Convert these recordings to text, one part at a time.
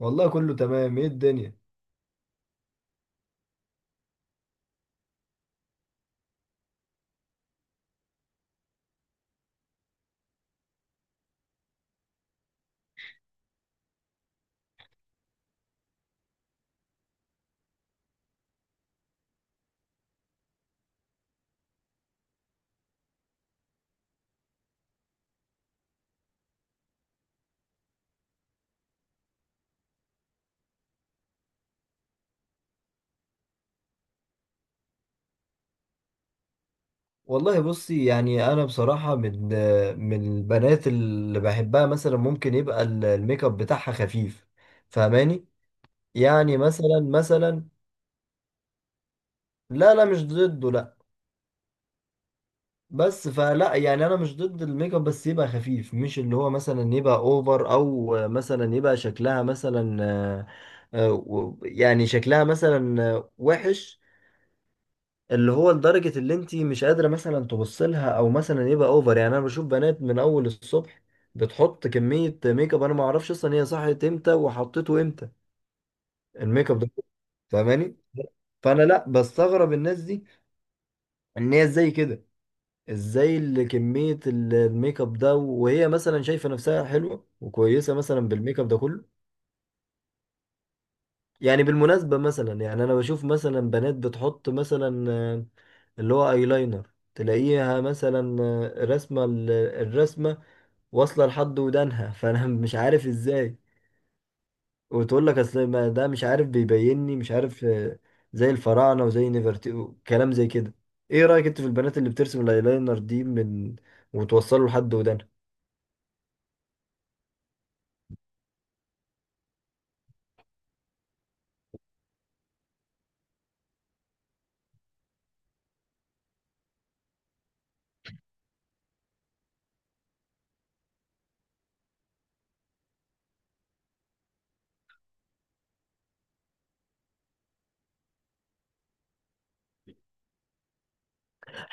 والله كله تمام، ايه الدنيا؟ والله بصي، يعني انا بصراحة من البنات اللي بحبها، مثلا ممكن يبقى الميك اب بتاعها خفيف. فاهماني؟ يعني مثلا. لا لا مش ضده، لا. بس فلا، يعني انا مش ضد الميك اب، بس يبقى خفيف، مش اللي هو مثلا يبقى اوفر، او مثلا يبقى شكلها مثلا يعني شكلها مثلا وحش، اللي هو لدرجة اللي انت مش قادرة مثلا تبص لها، او مثلا يبقى اوفر. يعني انا بشوف بنات من اول الصبح بتحط كمية ميك اب، انا ما اعرفش اصلا هي صحيت امتى وحطيته امتى الميك اب ده. فاهماني؟ فانا لا بستغرب الناس دي، ان هي ازاي كده، ازاي اللي كمية الميك اب ده وهي مثلا شايفة نفسها حلوة وكويسة مثلا بالميك اب ده كله. يعني بالمناسبة مثلا، يعني أنا بشوف مثلا بنات بتحط مثلا اللي هو ايلاينر. تلاقيها مثلا رسمة الرسمة واصلة لحد ودانها، فأنا مش عارف ازاي. وتقول لك أصل ما ده مش عارف بيبيني مش عارف زي الفراعنة وزي نفرتي، كلام زي كده. ايه رأيك انت في البنات اللي بترسم الايلاينر دي من وتوصله لحد ودانها؟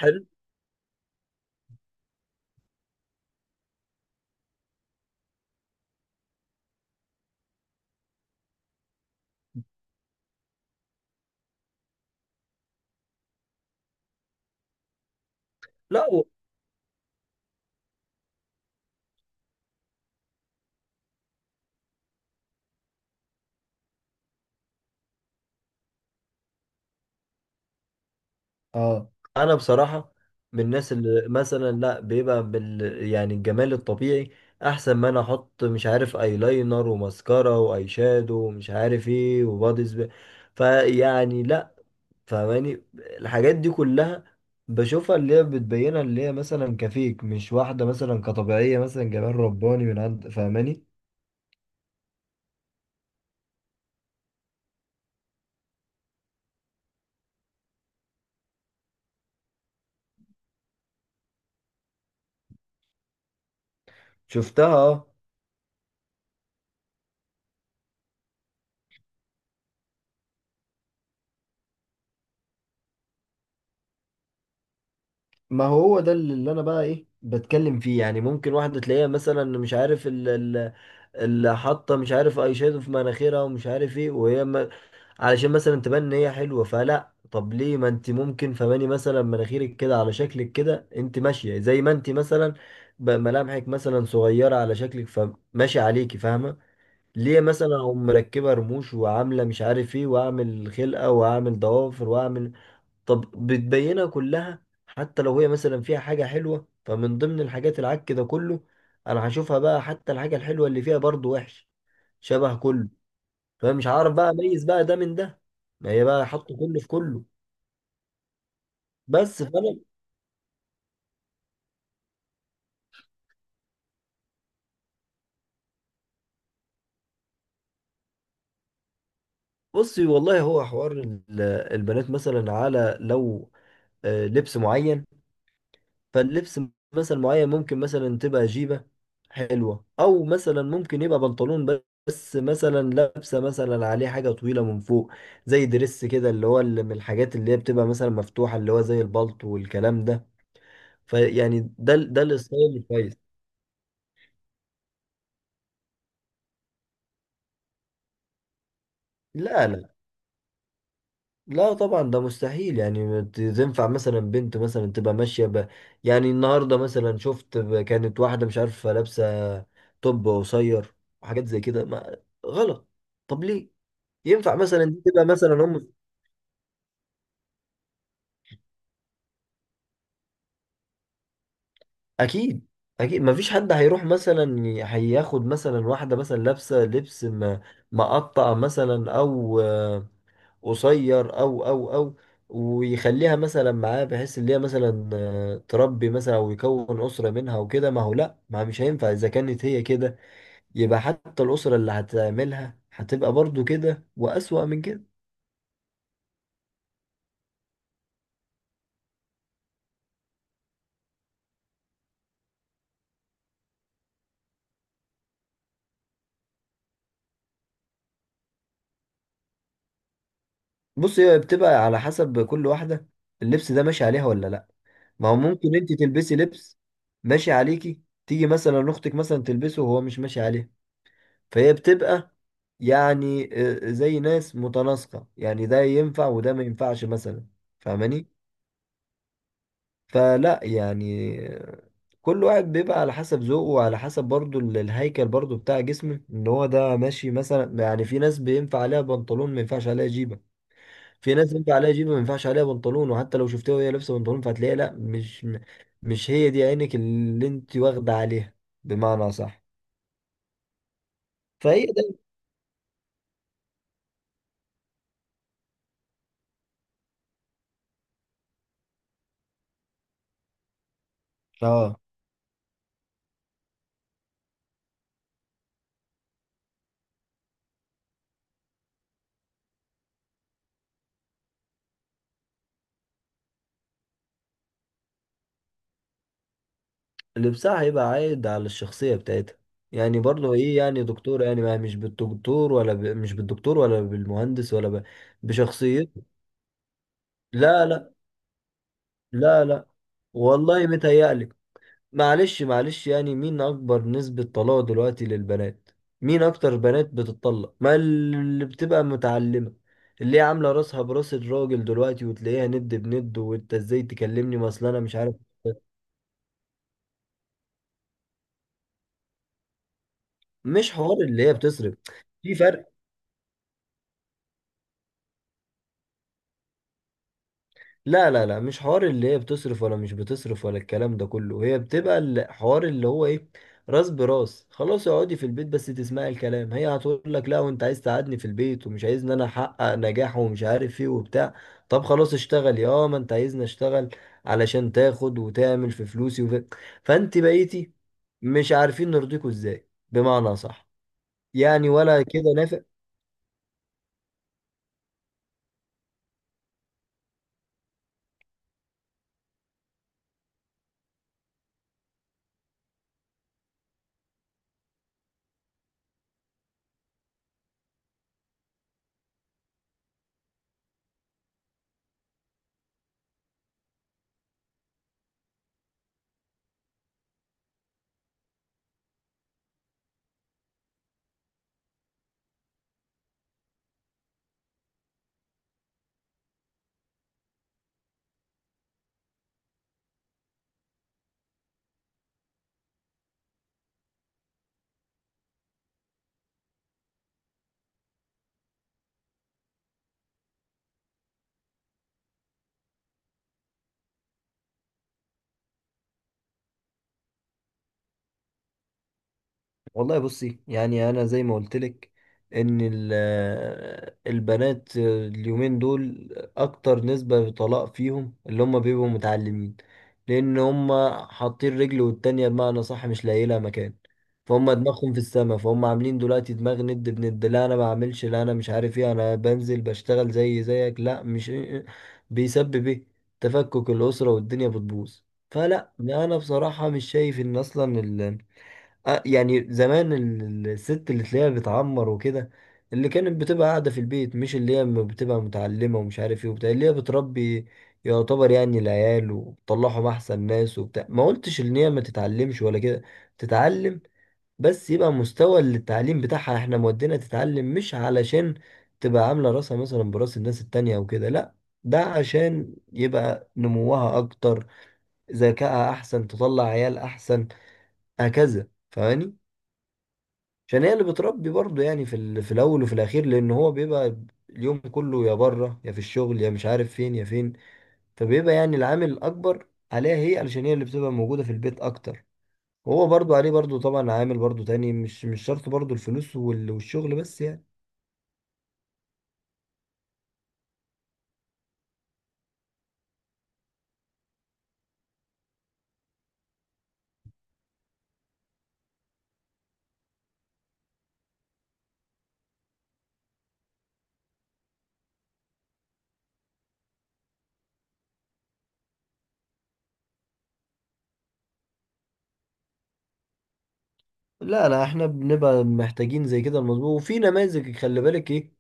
حلو. لا، اه، انا بصراحه من الناس اللي مثلا، لا، بيبقى بال، يعني الجمال الطبيعي احسن ما انا احط مش عارف ايلاينر وماسكارا واي شادو ومش عارف ايه وبادي سبراي. فيعني لا، فماني الحاجات دي كلها بشوفها اللي هي بتبينها، اللي هي مثلا كفيك مش واحده مثلا كطبيعيه، مثلا جمال رباني من عند. فاهماني؟ شفتها، اه. ما هو هو ده اللي انا بقى ايه بتكلم فيه، يعني ممكن واحده تلاقيها مثلا مش عارف، اللي حاطه مش عارف اي شادو في مناخيرها، ومش عارف ايه، وهي ما... علشان مثلا تبان ان هي حلوه. فلا، طب ليه؟ ما انت ممكن، فماني مثلا مناخيرك كده على شكلك كده، انت ماشيه زي ما انت مثلا، ملامحك مثلا صغيره على شكلك، فماشي عليكي. فاهمه؟ ليه مثلا اقوم مركبه رموش وعامله مش عارف ايه واعمل خلقه واعمل ضوافر واعمل؟ طب بتبينها كلها، حتى لو هي مثلا فيها حاجه حلوه، فمن ضمن الحاجات العك ده كله انا هشوفها بقى. حتى الحاجه الحلوه اللي فيها برضو وحش شبه كله. فمش عارف بقى اميز بقى ده من ده، ما هي بقى حطوا كله في كله. بس فانا، بصي، والله هو حوار البنات مثلا، على لو لبس معين، فاللبس مثلا معين ممكن مثلا تبقى جيبة حلوة، او مثلا ممكن يبقى بنطلون بس مثلا لابسة مثلا عليه حاجة طويلة من فوق، زي دريس كده، اللي هو اللي من الحاجات اللي هي بتبقى مثلا مفتوحة، اللي هو زي البلطو والكلام ده. فيعني ده الستايل الكويس. لا، لا طبعا ده مستحيل. يعني ما تنفع مثلا بنت مثلا تبقى ماشية يعني النهاردة مثلا شفت كانت واحدة مش عارفة لابسة توب قصير وحاجات زي كده ما... غلط. طب ليه؟ ينفع مثلا دي تبقى مثلا، أكيد. أكيد ما فيش حد هيروح مثلا هياخد مثلا واحدة مثلا لابسة لبس مقطع مثلا، أو قصير، او ويخليها مثلا معاه بحيث ان هي مثلا تربي مثلا، او يكون اسره منها وكده. ما هو لا، ما مش هينفع اذا كانت هي كده، يبقى حتى الاسره اللي هتعملها هتبقى برضو كده، واسوأ من كده. بص، هي بتبقى على حسب كل واحده، اللبس ده ماشي عليها ولا لا. ما هو ممكن انت تلبسي لبس ماشي عليكي، تيجي مثلا اختك مثلا تلبسه وهو مش ماشي عليه. فهي بتبقى يعني زي ناس متناسقة. يعني ده ينفع وده ما ينفعش مثلا. فاهماني؟ فلا يعني كل واحد بيبقى على حسب ذوقه، وعلى حسب برضو الهيكل برضو بتاع جسمه، ان هو ده ماشي مثلا. يعني في ناس بينفع عليها بنطلون ما ينفعش عليها جيبة، في ناس ينفع عليها جيبة ما ينفعش عليها بنطلون. وحتى لو شفتها وهي لابسة بنطلون، فهتلاقيها لا، مش هي دي عينك اللي انت واخدة عليها، بمعنى صح. فهي ده، اه، لبسها هيبقى عايد على الشخصية بتاعتها. يعني برضه، ايه يعني دكتور؟ يعني ما مش بالدكتور ولا مش بالدكتور ولا بالمهندس بشخصيته. لا لا، لا لا. والله متهيألك. معلش معلش، يعني مين أكبر نسبة طلاق دلوقتي للبنات؟ مين أكتر بنات بتطلق؟ ما اللي بتبقى متعلمة، اللي هي عاملة راسها براس الراجل دلوقتي، وتلاقيها ند بند. وانت ازاي تكلمني؟ ما اصل انا مش عارف. مش حوار اللي هي بتصرف، في فرق. لا لا لا، مش حوار اللي هي بتصرف ولا مش بتصرف ولا الكلام ده كله. هي بتبقى الحوار اللي هو ايه، راس براس. خلاص اقعدي في البيت بس تسمعي الكلام، هي هتقول لك لا، وانت عايز تقعدني في البيت ومش عايزني انا احقق نجاح ومش عارف ايه وبتاع. طب خلاص اشتغلي. اه، ما انت عايزني اشتغل علشان تاخد وتعمل في فلوسي فانت بقيتي مش عارفين نرضيكوا ازاي، بمعنى صح. يعني ولا كده نافع؟ والله بصي يعني انا زي ما قلت لك، ان البنات اليومين دول اكتر نسبة طلاق فيهم اللي هم بيبقوا متعلمين. لان هم حاطين رجل والتانية بمعنى صح مش لاقي لها مكان. فهم دماغهم في السما، فهم عاملين دلوقتي دماغ ند بند. لا انا بعملش، لا انا مش عارف ايه، انا بنزل بشتغل زي زيك. لا مش، بيسبب ايه؟ تفكك الاسرة والدنيا بتبوظ. فلا انا بصراحة مش شايف ان اصلا يعني زمان الست اللي تلاقيها بتعمر وكده، اللي كانت بتبقى قاعدة في البيت، مش اللي هي بتبقى متعلمة ومش عارف ايه وبتاع. اللي هي بتربي يعتبر يعني العيال وبتطلعهم أحسن ناس وبتاع. ما قلتش إن هي ما تتعلمش ولا كده، تتعلم. بس يبقى مستوى التعليم بتاعها، احنا مودينا تتعلم مش علشان تبقى عاملة راسها مثلا براس الناس التانية أو كده، لأ. ده عشان يبقى نموها أكتر، ذكائها أحسن، تطلع عيال أحسن. هكذا، فاهماني؟ عشان هي اللي بتربي برضه، يعني في في الاول وفي الاخير، لان هو بيبقى اليوم كله يا بره، يا في الشغل، يا مش عارف فين يا فين. فبيبقى يعني العامل الاكبر عليها هي، علشان هي اللي بتبقى موجوده في البيت اكتر. هو برضه عليه برضه طبعا عامل برضه تاني، مش شرط برضه الفلوس والشغل بس، يعني. لا لا، احنا بنبقى محتاجين زي كده المظبوط. وفي نماذج، خلي بالك ايه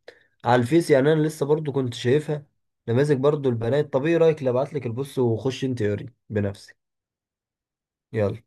على الفيس، يعني انا لسه برضه كنت شايفها نماذج برضه البنات. طب ايه رايك لو ابعت لك، البص وخش انت قري بنفسك. يلا.